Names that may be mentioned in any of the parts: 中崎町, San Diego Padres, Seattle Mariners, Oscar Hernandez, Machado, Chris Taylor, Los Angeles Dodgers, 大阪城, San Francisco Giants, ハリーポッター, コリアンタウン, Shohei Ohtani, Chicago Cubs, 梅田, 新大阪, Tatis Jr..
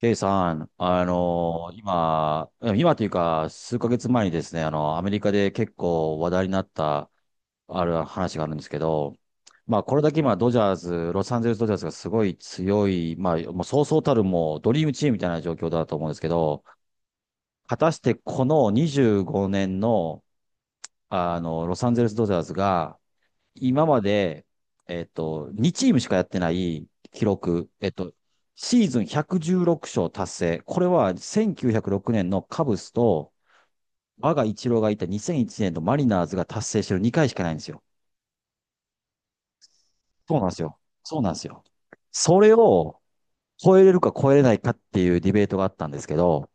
ケイさん、今というか、数ヶ月前にですね、アメリカで結構話題になった、ある話があるんですけど、まあ、これだけ今、ドジャース、ロサンゼルスドジャースがすごい強い、まあ、もうそうそうたる、ドリームチームみたいな状況だと思うんですけど、果たしてこの25年の、ロサンゼルスドジャースが、今まで、2チームしかやってない記録、シーズン116勝達成。これは1906年のカブスと、我が一郎がいた2001年のマリナーズが達成してる2回しかないんですよ。そうなんですよ。そうなんですよ。それを超えれるか超えれないかっていうディベートがあったんですけど、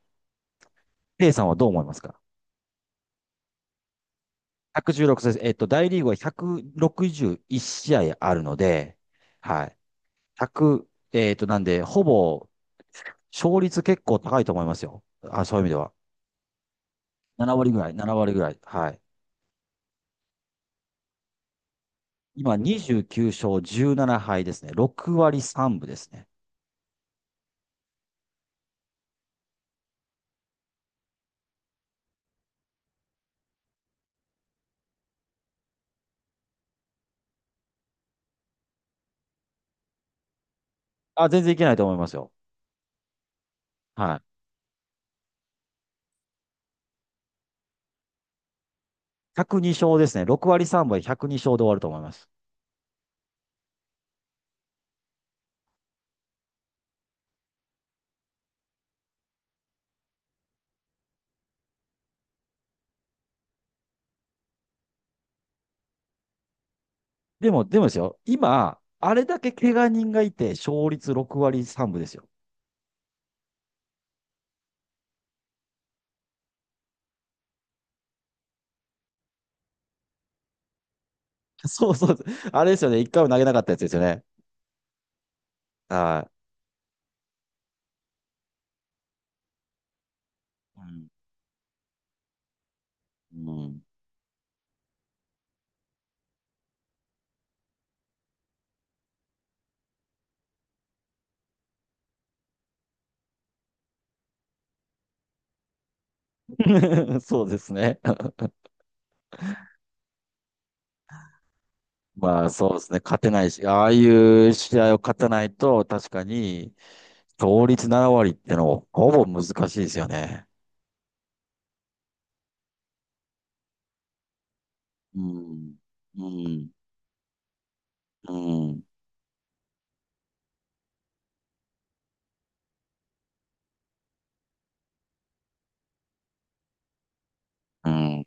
A さんはどう思いますか？ 116 です。大リーグは161試合あるので、はい。1なんで、ほぼ勝率結構高いと思いますよ。あ、そういう意味では。7割ぐらい、7割ぐらい。はい。今、29勝17敗ですね。6割3分ですね。あ、全然いけないと思いますよ。はい。102勝ですね。6割3分で102勝で終わると思います。でもですよ。今、あれだけ怪我人がいて、勝率6割3分ですよ。そうそう。あれですよね。一回も投げなかったやつですよね。はい。うん。うん そうですね。まあそうですね、勝てないし、ああいう試合を勝たないと、確かに、勝率7割ってのはほぼ難しいですよね。うん、うん、うん、うん。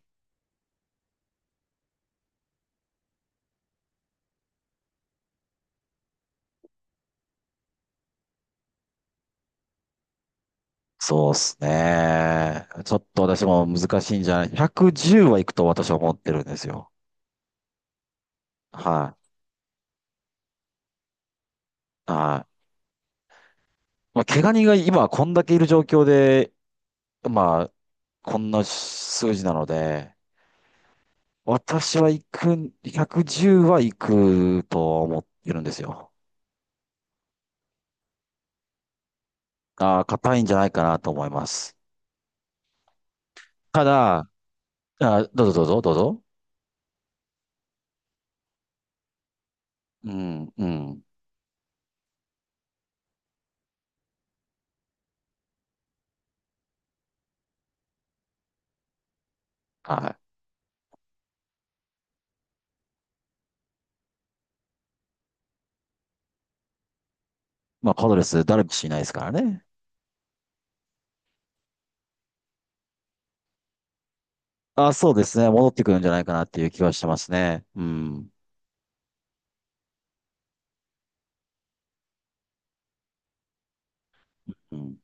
そうですね。ちょっと私も難しいんじゃない？ 110 はいくと私は思ってるんですよ。はい。はい。まあ、怪我人が今こんだけいる状況で、まあ、こんな数字なので、私は行くん、110は行くと思ってるんですよ。ああ、硬いんじゃないかなと思います。ただ、どうぞどうぞ、どうぞ。うん、うん。はい。まあ、パドレス、ダルビッシュいないですからね。あそうですね。戻ってくるんじゃないかなっていう気はしてますね。うん。うん。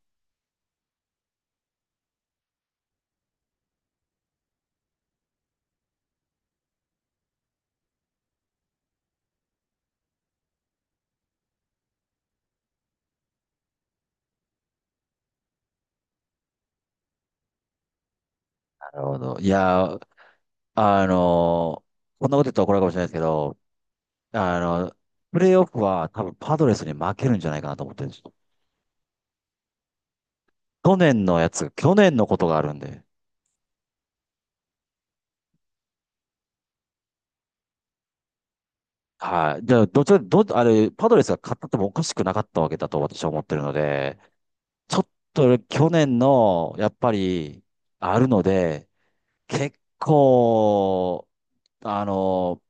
なるほど。いやー、あのーこんなこと言ったら怒られるかもしれないですけど、あの、プレイオフは多分パドレスに負けるんじゃないかなと思ってるんですよ。去年のことがあるんで。はい。じゃあ、どっちか、ど、あれ、パドレスが勝ったってもおかしくなかったわけだと私は思ってるので、ちょっと去年の、やっぱり、あるので、結構、あの、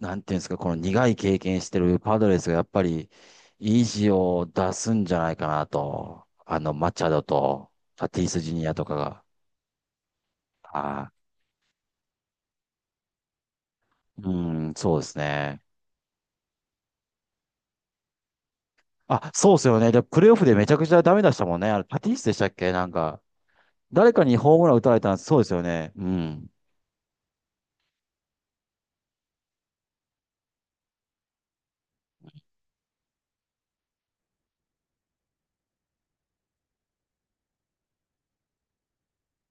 なんていうんですか、この苦い経験してるパドレスが、やっぱり、意地を出すんじゃないかなと。マチャドと、タティス・ジュニアとかが。あー、うん、そうですね。あ、そうですよね。で、プレイオフでめちゃくちゃダメ出したもんね。あれ、タティスでしたっけなんか、誰かにホームラン打たれたんそうですよね。うん。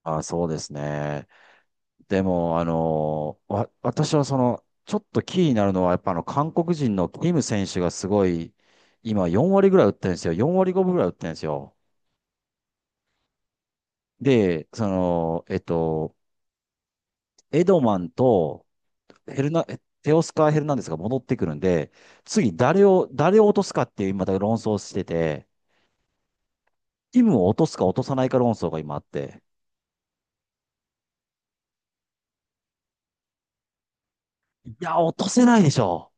あ、そうですね。でも、私はその、ちょっと気になるのは、やっぱ韓国人のキム選手がすごい、今4割ぐらい打ってるんですよ。4割5分ぐらい打ってるんですよ。で、その、エドマンとヘルナ、えテオスカー・ヘルナンデスが戻ってくるんで、次誰を落とすかっていう、また論争してて、キムを落とすか落とさないか論争が今あって、いや、落とせないでしょ。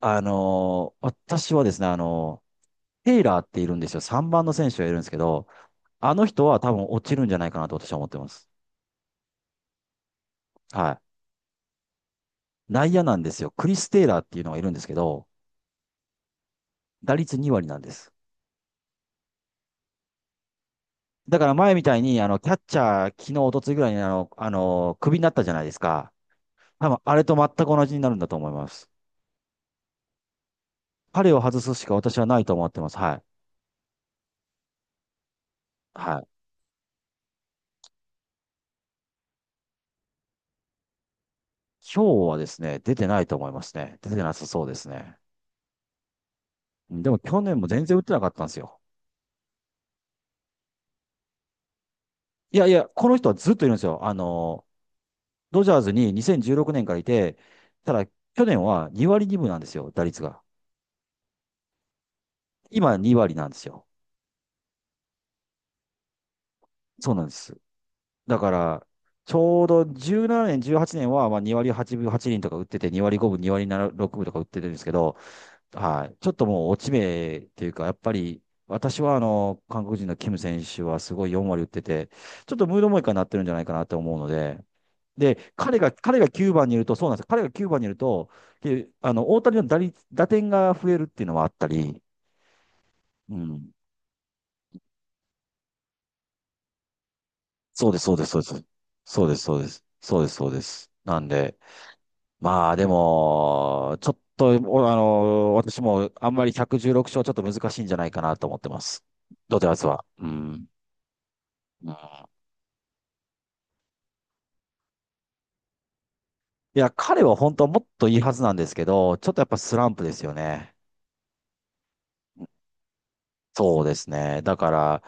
私はですね、テイラーっているんですよ。3番の選手がいるんですけど、あの人は多分落ちるんじゃないかなと私は思ってます。はい。内野なんですよ。クリス・テイラーっていうのがいるんですけど、打率2割なんです。だから前みたいに、キャッチャー、昨日、一昨日ぐらいに、クビになったじゃないですか。多分、あれと全く同じになるんだと思います。彼を外すしか私はないと思ってます。はい。はい。今日はですね、出てないと思いますね。出てなさそうですね。うんでも去年も全然打ってなかったんですよ。いやいや、この人はずっといるんですよ。ドジャーズに2016年からいて、ただ去年は2割2分なんですよ、打率が。今2割なんですよ。そうなんです。だから、ちょうど17年、18年はちねんはまあ2割8分8厘とか打ってて、2割5分、2割6分とか打ってるんですけど、はい。ちょっともう落ち目っていうか、やっぱり、私は韓国人のキム選手はすごい4割打ってて、ちょっとムードもいいかになってるんじゃないかなと思うので、で、彼が9番にいると、そうなんですよ。彼が9番にいると、大谷の打率、打点が増えるっていうのはあったり、うん。そうです、そうです、そうです。そうです、そうです。そうです、そうです。なんで、まあでも、ちょっと、おあの、私もあんまり116勝ちょっと難しいんじゃないかなと思ってます。ドジャースは。うん。うん、いや、彼は本当はもっといいはずなんですけど、ちょっとやっぱスランプですよね。そうですね。だから、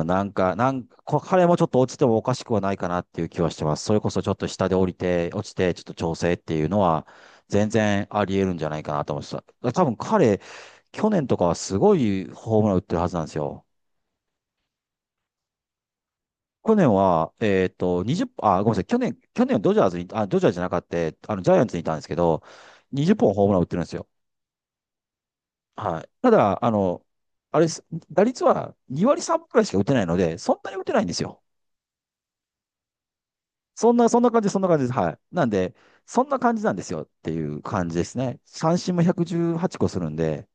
うん、なんか、彼もちょっと落ちてもおかしくはないかなっていう気はしてます。それこそちょっと下で降りて、落ちて、ちょっと調整っていうのは、全然あり得るんじゃないかなと思ってた。多分彼、去年とかはすごいホームラン打ってるはずなんですよ。去年は、20、あ、ごめんなさい。去年はドジャースに、あ、ドジャースじゃなかった、ジャイアンツにいたんですけど、20本ホームラン打ってるんですよ。はい。ただ、あの、あれです、打率は2割3分くらいしか打てないので、そんなに打てないんですよ。そんな感じ、そんな感じです。はい。なんで、そんな感じなんですよっていう感じですね。三振も118個するんで、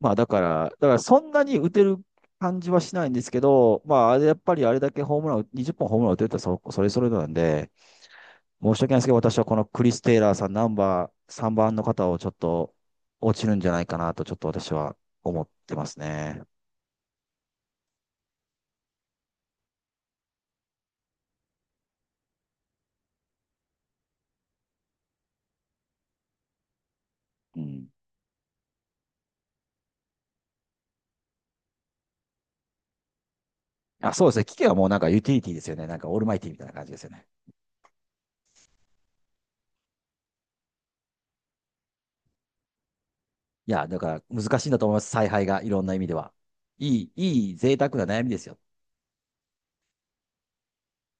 まあだからそんなに打てる感じはしないんですけど、まああれやっぱりあれだけホームラン、20本ホームラン打てるとそれぞれなんで、申し訳ないですけど、私はこのクリス・テイラーさん、ナンバー3番の方をちょっと落ちるんじゃないかなと、ちょっと私は思ってますね。うん。あ、そうですね。聞けばもうなんかユーティリティですよね。なんかオールマイティみたいな感じですよね。いや、だから難しいんだと思います。采配が、いろんな意味では。いい贅沢な悩みですよ。